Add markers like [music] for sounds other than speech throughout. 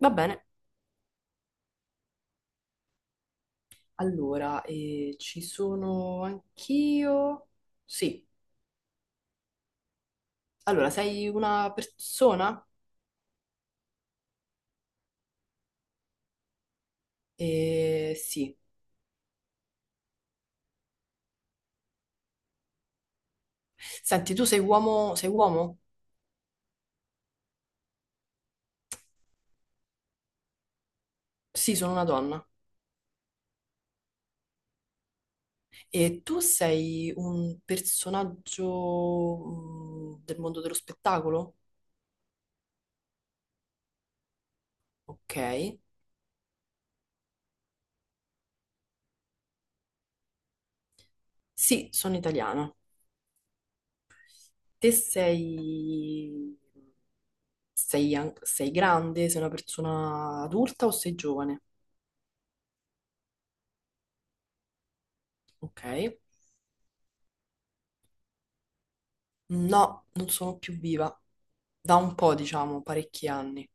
Va bene. Allora, ci sono anch'io. Sì. Allora, sei una persona? Sì. Senti, tu sei uomo? Sei uomo? Sì, sono una donna. E tu sei un personaggio del mondo dello spettacolo? Ok. Sì, sono italiana. Te sei... Sei grande? Sei una persona adulta o sei giovane? Ok. No, non sono più viva. Da un po', diciamo, parecchi anni.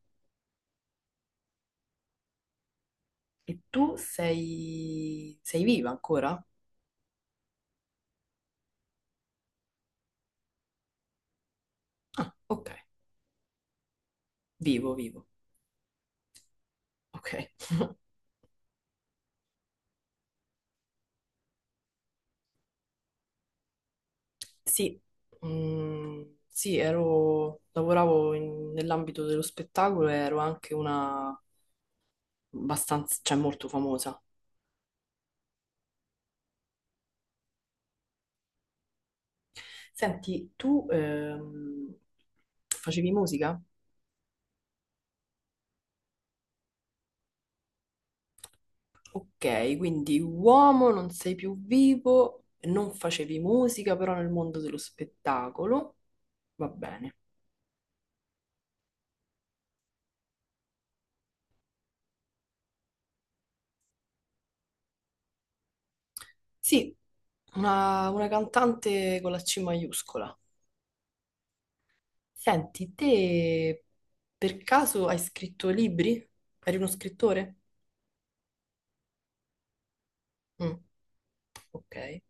E tu sei... sei viva ancora? Ah, ok. Vivo, vivo. Ok. [laughs] Sì. Sì, ero... nell'ambito dello spettacolo e ero anche una abbastanza, cioè molto famosa. Senti, tu facevi musica? Ok, quindi uomo, non sei più vivo, non facevi musica, però nel mondo dello spettacolo, va bene. Sì, una cantante con la C maiuscola. Senti, te per caso hai scritto libri? Eri uno scrittore? Mm, ok.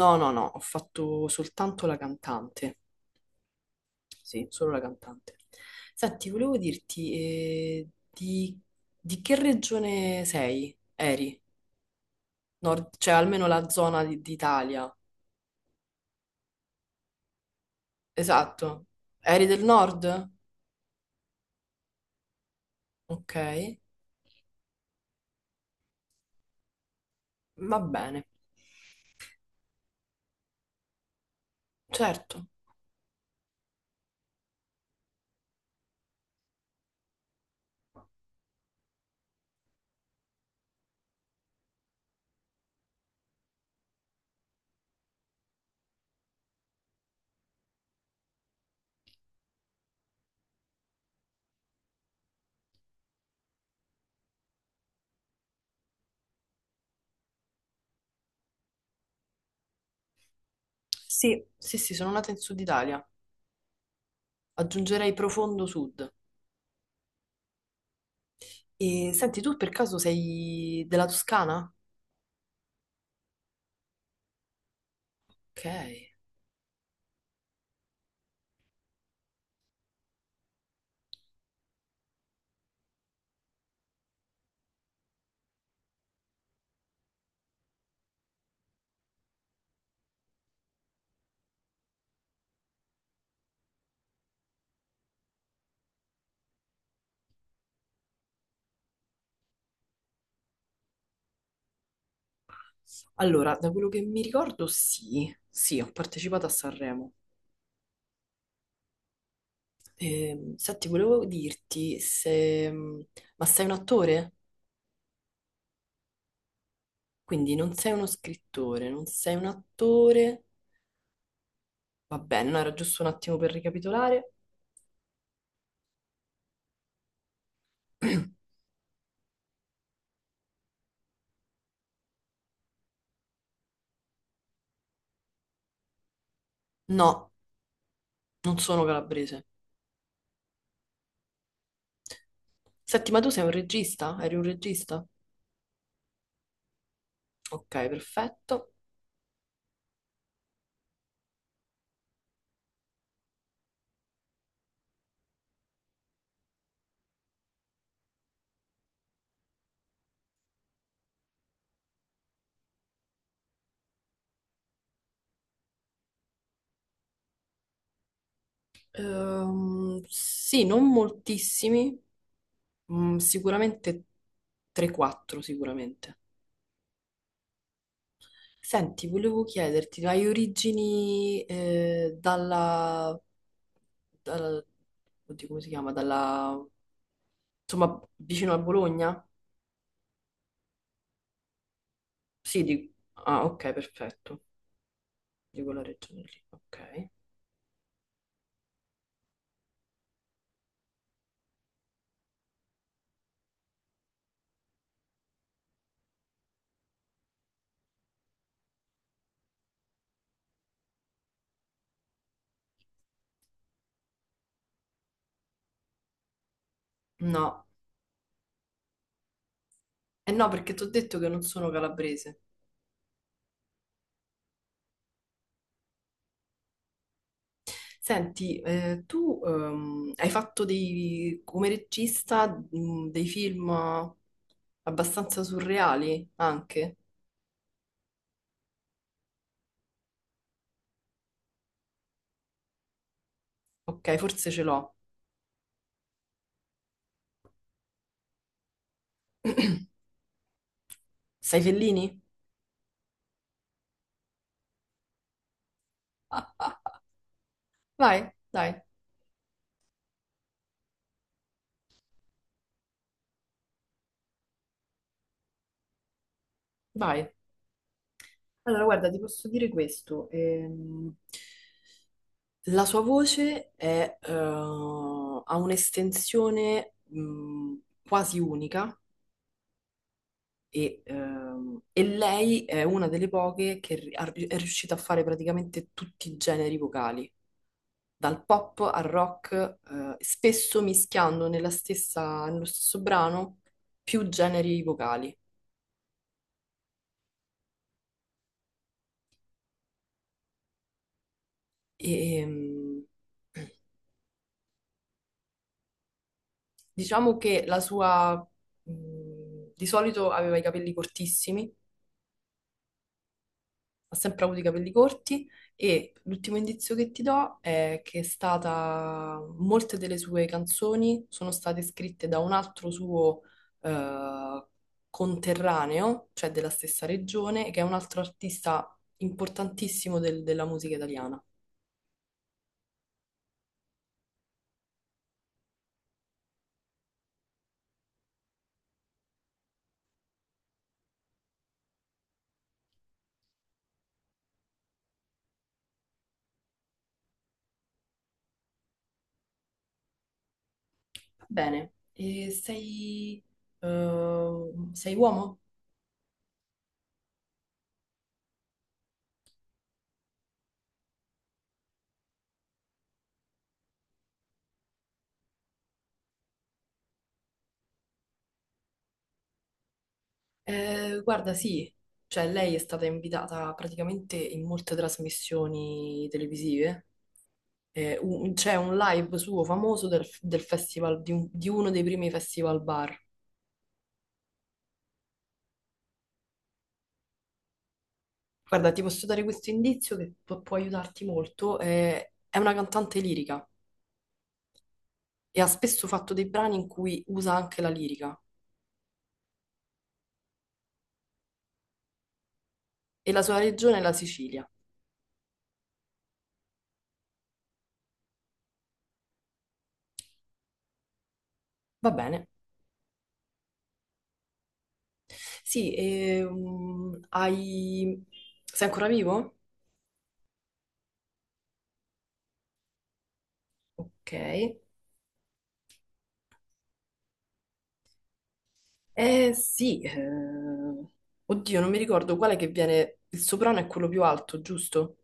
No, no, no, ho fatto soltanto la cantante. Sì, solo la cantante. Senti, volevo dirti, di che regione sei? Eri? Nord, cioè almeno d'Italia. Esatto. Eri del nord? Ok, va bene. Certo. Sì, sì, sì, sono nata in Sud Italia. Aggiungerei profondo sud. E senti, tu per caso sei della Toscana? Ok. Allora, da quello che mi ricordo, sì, sì, ho partecipato a Sanremo. Senti, volevo dirti se... Ma sei un attore? Quindi non sei uno scrittore, non sei un attore. Va bene, no, era giusto un attimo per ricapitolare. [clears throat] No, non sono calabrese. Senti, ma tu sei un regista? Eri un regista? Ok, perfetto. Sì, non moltissimi, sicuramente 3-4 sicuramente. Senti, volevo chiederti, hai origini dalla- oddio, come si chiama? Dalla, insomma, vicino a Bologna? Sì, di- ah, ok, perfetto. Di quella regione lì. Ok. No, eh no, perché ti ho detto che non sono calabrese. Senti, tu hai fatto dei, come regista dei film abbastanza surreali anche? Ok, forse ce l'ho. Sai Fellini? Ah, vai, dai, vai. Allora, guarda, ti posso dire questo. La sua voce è, ha un'estensione quasi unica. E lei è una delle poche che è riuscita a fare praticamente tutti i generi vocali, dal pop al rock, spesso mischiando nello stesso brano più generi vocali. E, diciamo che di solito aveva i capelli cortissimi, ha sempre avuto i capelli corti, e l'ultimo indizio che ti do è che è stata, molte delle sue canzoni sono state scritte da un altro suo eh, conterraneo, cioè della stessa regione, che è un altro artista importantissimo della musica italiana. Va bene, e sei, eh, sei uomo? Guarda, sì. Cioè, lei è stata invitata praticamente in molte trasmissioni televisive, c'è un live suo famoso del festival, di uno dei primi festival bar. Guarda, ti posso dare questo indizio che può aiutarti molto. Eh, è una cantante lirica e ha spesso fatto dei brani in cui usa anche la lirica, e la sua regione è la Sicilia. Va bene. Sì, hai... Sei ancora vivo? Ok. Eh sì, oddio, non mi ricordo quale che viene, il soprano è quello più alto, giusto?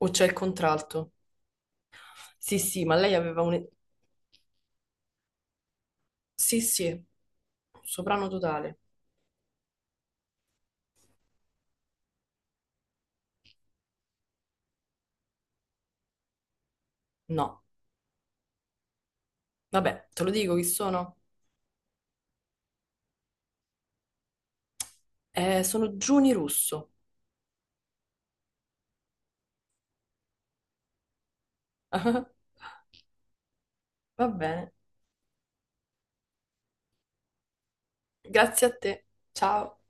O c'è il contralto? Sì, sì, ma lei aveva un... Sì, sì, soprano totale. No, vabbè, te lo dico chi sono? Sono Giuni Russo. [laughs] Va bene, grazie a te. Ciao.